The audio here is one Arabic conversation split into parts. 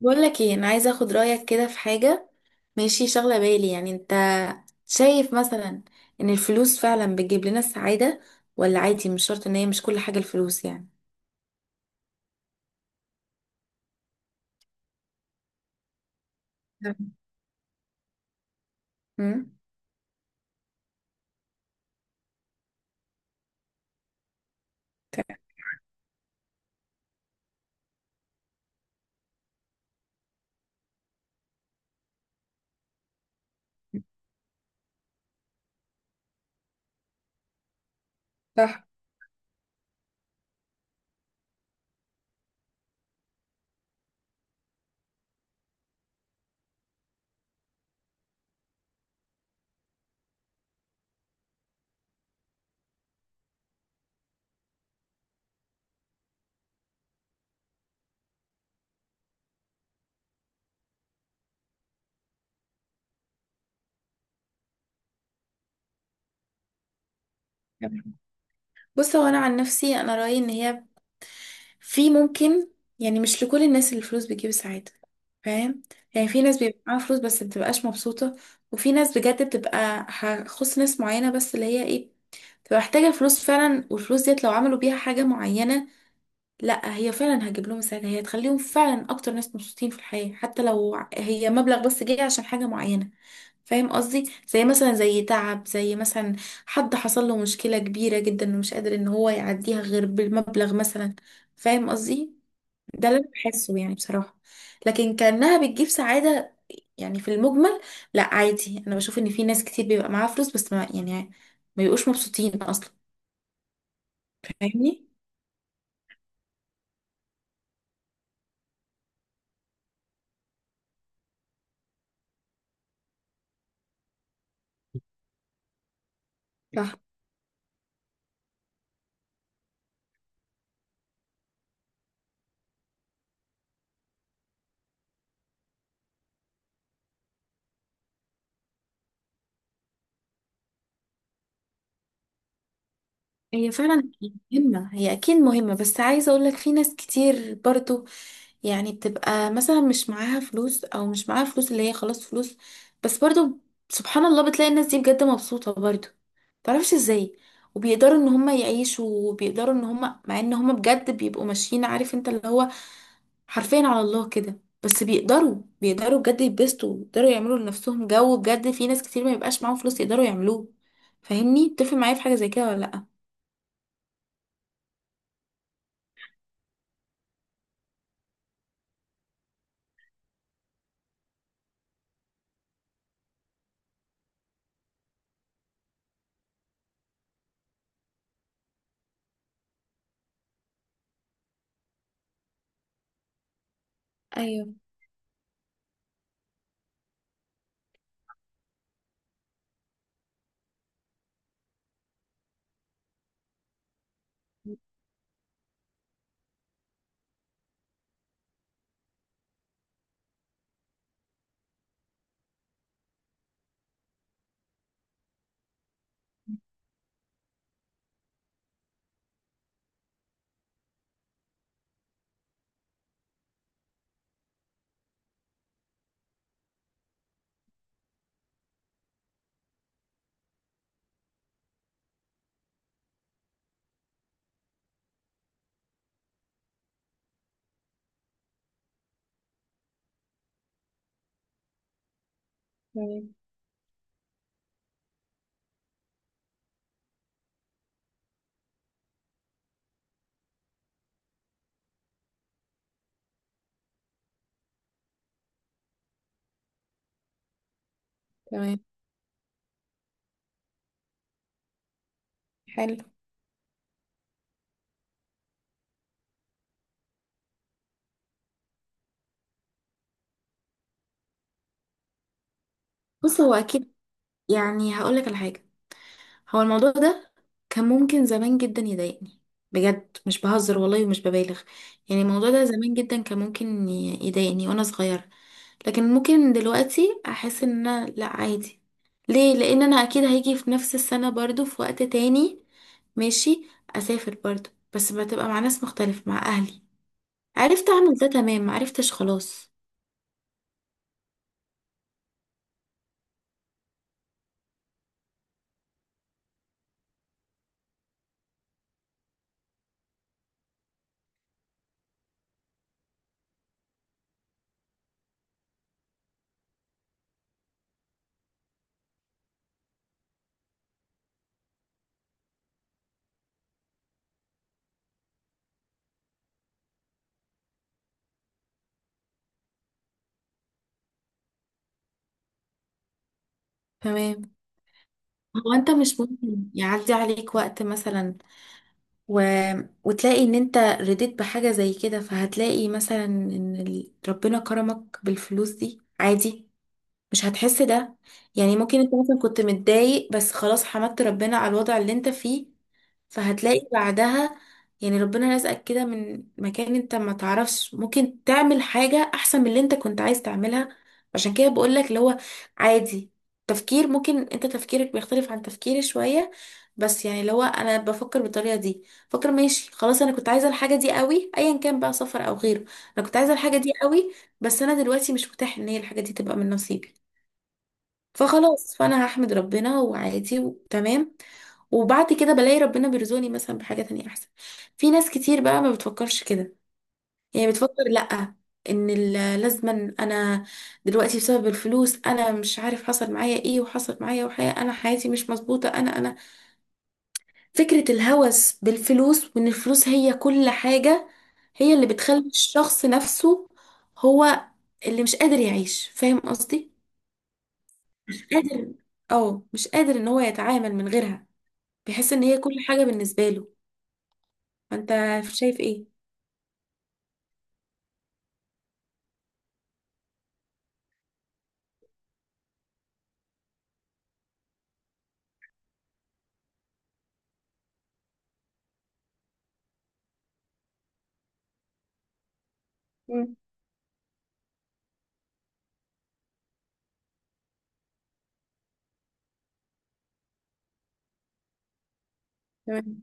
بقول لك ايه، انا عايزه اخد رايك كده في حاجه. ماشي، شغله بالي، يعني انت شايف مثلا ان الفلوس فعلا بتجيب لنا السعاده، ولا عادي؟ مش شرط ان هي مش كل حاجه الفلوس يعني. نعم. امم صح. بص، هو انا عن نفسي انا رايي ان هي في ممكن، يعني مش لكل الناس اللي الفلوس بتجيب السعاده، فاهم؟ يعني في ناس بيبقى معاها فلوس بس بتبقاش مبسوطه، وفي ناس بجد بتبقى هخص ناس معينه بس اللي هي ايه، بتبقى محتاجه الفلوس فعلا، والفلوس ديت لو عملوا بيها حاجه معينه، لا هي فعلا هتجيب لهم السعادة، هي تخليهم فعلا أكتر ناس مبسوطين في الحياة، حتى لو هي مبلغ بس جاي عشان حاجة معينة، فاهم قصدي؟ زي مثلا، زي تعب، زي مثلا حد حصل له مشكلة كبيرة جدا ومش قادر إن هو يعديها غير بالمبلغ مثلا، فاهم قصدي؟ ده اللي أنا بحسه يعني بصراحة، لكن كأنها بتجيب سعادة يعني في المجمل. لا عادي، أنا بشوف إن في ناس كتير بيبقى معاها فلوس بس ما يعني، ما بيبقوش مبسوطين أصلا، فاهمني؟ هي فعلا مهمة، هي أكيد مهمة، بس عايزة أقولك في ناس كتير برضو، يعني بتبقى مثلا مش معاها فلوس، أو مش معاها فلوس اللي هي خلاص فلوس، بس برضو سبحان الله بتلاقي الناس دي بجد مبسوطة برضو، متعرفش ازاي، وبيقدروا ان هما يعيشوا، وبيقدروا ان هما مع ان هما بجد بيبقوا ماشيين، عارف انت اللي هو حرفيا على الله كده، بس بيقدروا بجد يتبسطوا، بيقدروا يعملوا لنفسهم جو بجد في ناس كتير ما يبقاش معاهم فلوس يقدروا يعملوه. فاهمني؟ تتفق معايا في حاجة زي كده ولا لأ؟ ايوه. تمام. تمام. حلو. بص هو اكيد، يعني هقولك على حاجه، هو الموضوع ده كان ممكن زمان جدا يضايقني، بجد مش بهزر والله ومش ببالغ، يعني الموضوع ده زمان جدا كان ممكن يضايقني وانا صغيره، لكن ممكن دلوقتي احس ان انا لا عادي، ليه؟ لان انا اكيد هيجي في نفس السنه برضو في وقت تاني ماشي، اسافر برضو، بس بتبقى مع ناس مختلفه، مع اهلي. عرفت اعمل ده تمام، ما عرفتش خلاص. تمام. هو انت مش ممكن يعدي عليك وقت مثلا و... وتلاقي ان انت رديت بحاجة زي كده، فهتلاقي مثلا ان ربنا كرمك بالفلوس دي عادي، مش هتحس ده، يعني ممكن انت مثلا كنت متضايق بس خلاص حمدت ربنا على الوضع اللي انت فيه، فهتلاقي بعدها، يعني ربنا رزقك كده من مكان انت ما تعرفش، ممكن تعمل حاجة احسن من اللي انت كنت عايز تعملها. عشان كده بقولك اللي هو عادي، تفكير، ممكن انت تفكيرك بيختلف عن تفكيري شوية، بس يعني اللي هو انا بفكر بالطريقة دي، فكر ماشي خلاص، انا كنت عايزة الحاجة دي قوي، ايا كان بقى سفر او غيره، انا كنت عايزة الحاجة دي قوي، بس انا دلوقتي مش متاح ان هي الحاجة دي تبقى من نصيبي، فخلاص، فانا هحمد ربنا وعادي وتمام، وبعد كده بلاقي ربنا بيرزقني مثلا بحاجة تانية احسن. في ناس كتير بقى ما بتفكرش كده، يعني بتفكر لأ، ان لازما انا دلوقتي بسبب الفلوس انا مش عارف حصل معايا ايه وحصل معايا، وحياة، انا حياتي مش مظبوطة، انا فكرة الهوس بالفلوس وان الفلوس هي كل حاجة، هي اللي بتخلي الشخص نفسه هو اللي مش قادر يعيش، فاهم قصدي؟ مش قادر. اه، مش قادر ان هو يتعامل من غيرها، بيحس ان هي كل حاجة بالنسبة له. فانت شايف ايه؟ مم. تمام.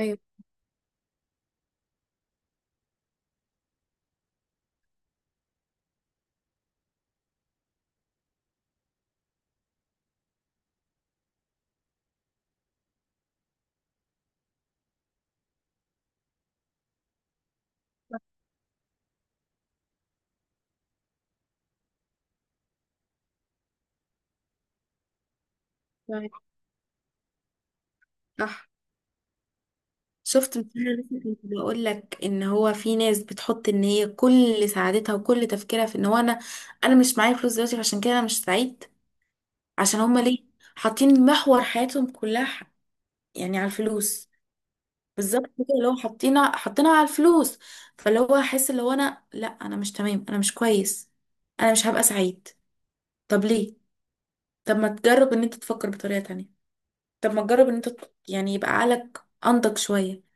ايوه. تمام. صح. شفت مثلا؟ لسه كنت بقول لك ان هو في ناس بتحط ان هي كل سعادتها وكل تفكيرها في ان هو انا، انا مش معايا فلوس دلوقتي فعشان كده انا مش سعيد، عشان هما ليه حاطين محور حياتهم كلها يعني على الفلوس، بالظبط كده، اللي هو حاطينها على الفلوس، فاللي هو حاسس اللي هو انا لا، انا مش تمام، انا مش كويس، انا مش هبقى سعيد. طب ليه؟ طب ما تجرب ان انت تفكر بطريقة تانية، طب ما تجرب ان انت يعني يبقى عقلك انضج شوية.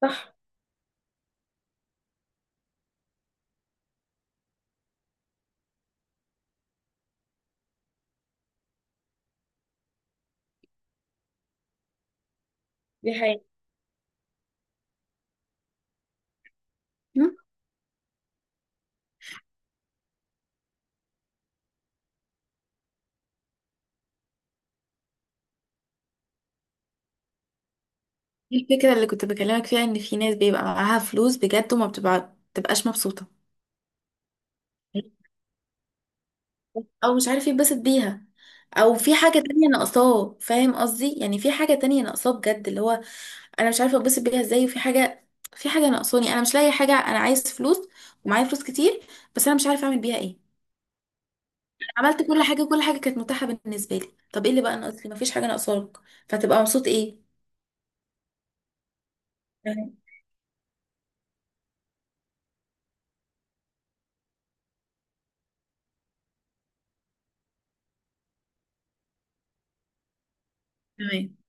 صح. دي حقيقة. مم. دي الفكرة اللي كنت بكلمك فيها، ان في ناس بيبقى معاها فلوس بجد وما بتبقى بتبقاش مبسوطة، او مش عارف يتبسط بيها، او في حاجة تانية ناقصاه، فاهم قصدي؟ يعني في حاجة تانية ناقصاه بجد، اللي هو انا مش عارفة اتبسط بيها ازاي، وفي حاجة، في حاجة ناقصاني، انا مش لاقي حاجة، انا عايز فلوس ومعايا فلوس كتير بس انا مش عارفة اعمل بيها ايه. أنا عملت كل حاجة، كل حاجة كانت متاحة بالنسبة لي، طب ايه اللي بقى ناقص لي؟ مفيش حاجة ناقصاك، فتبقى مبسوط ايه؟ تمام.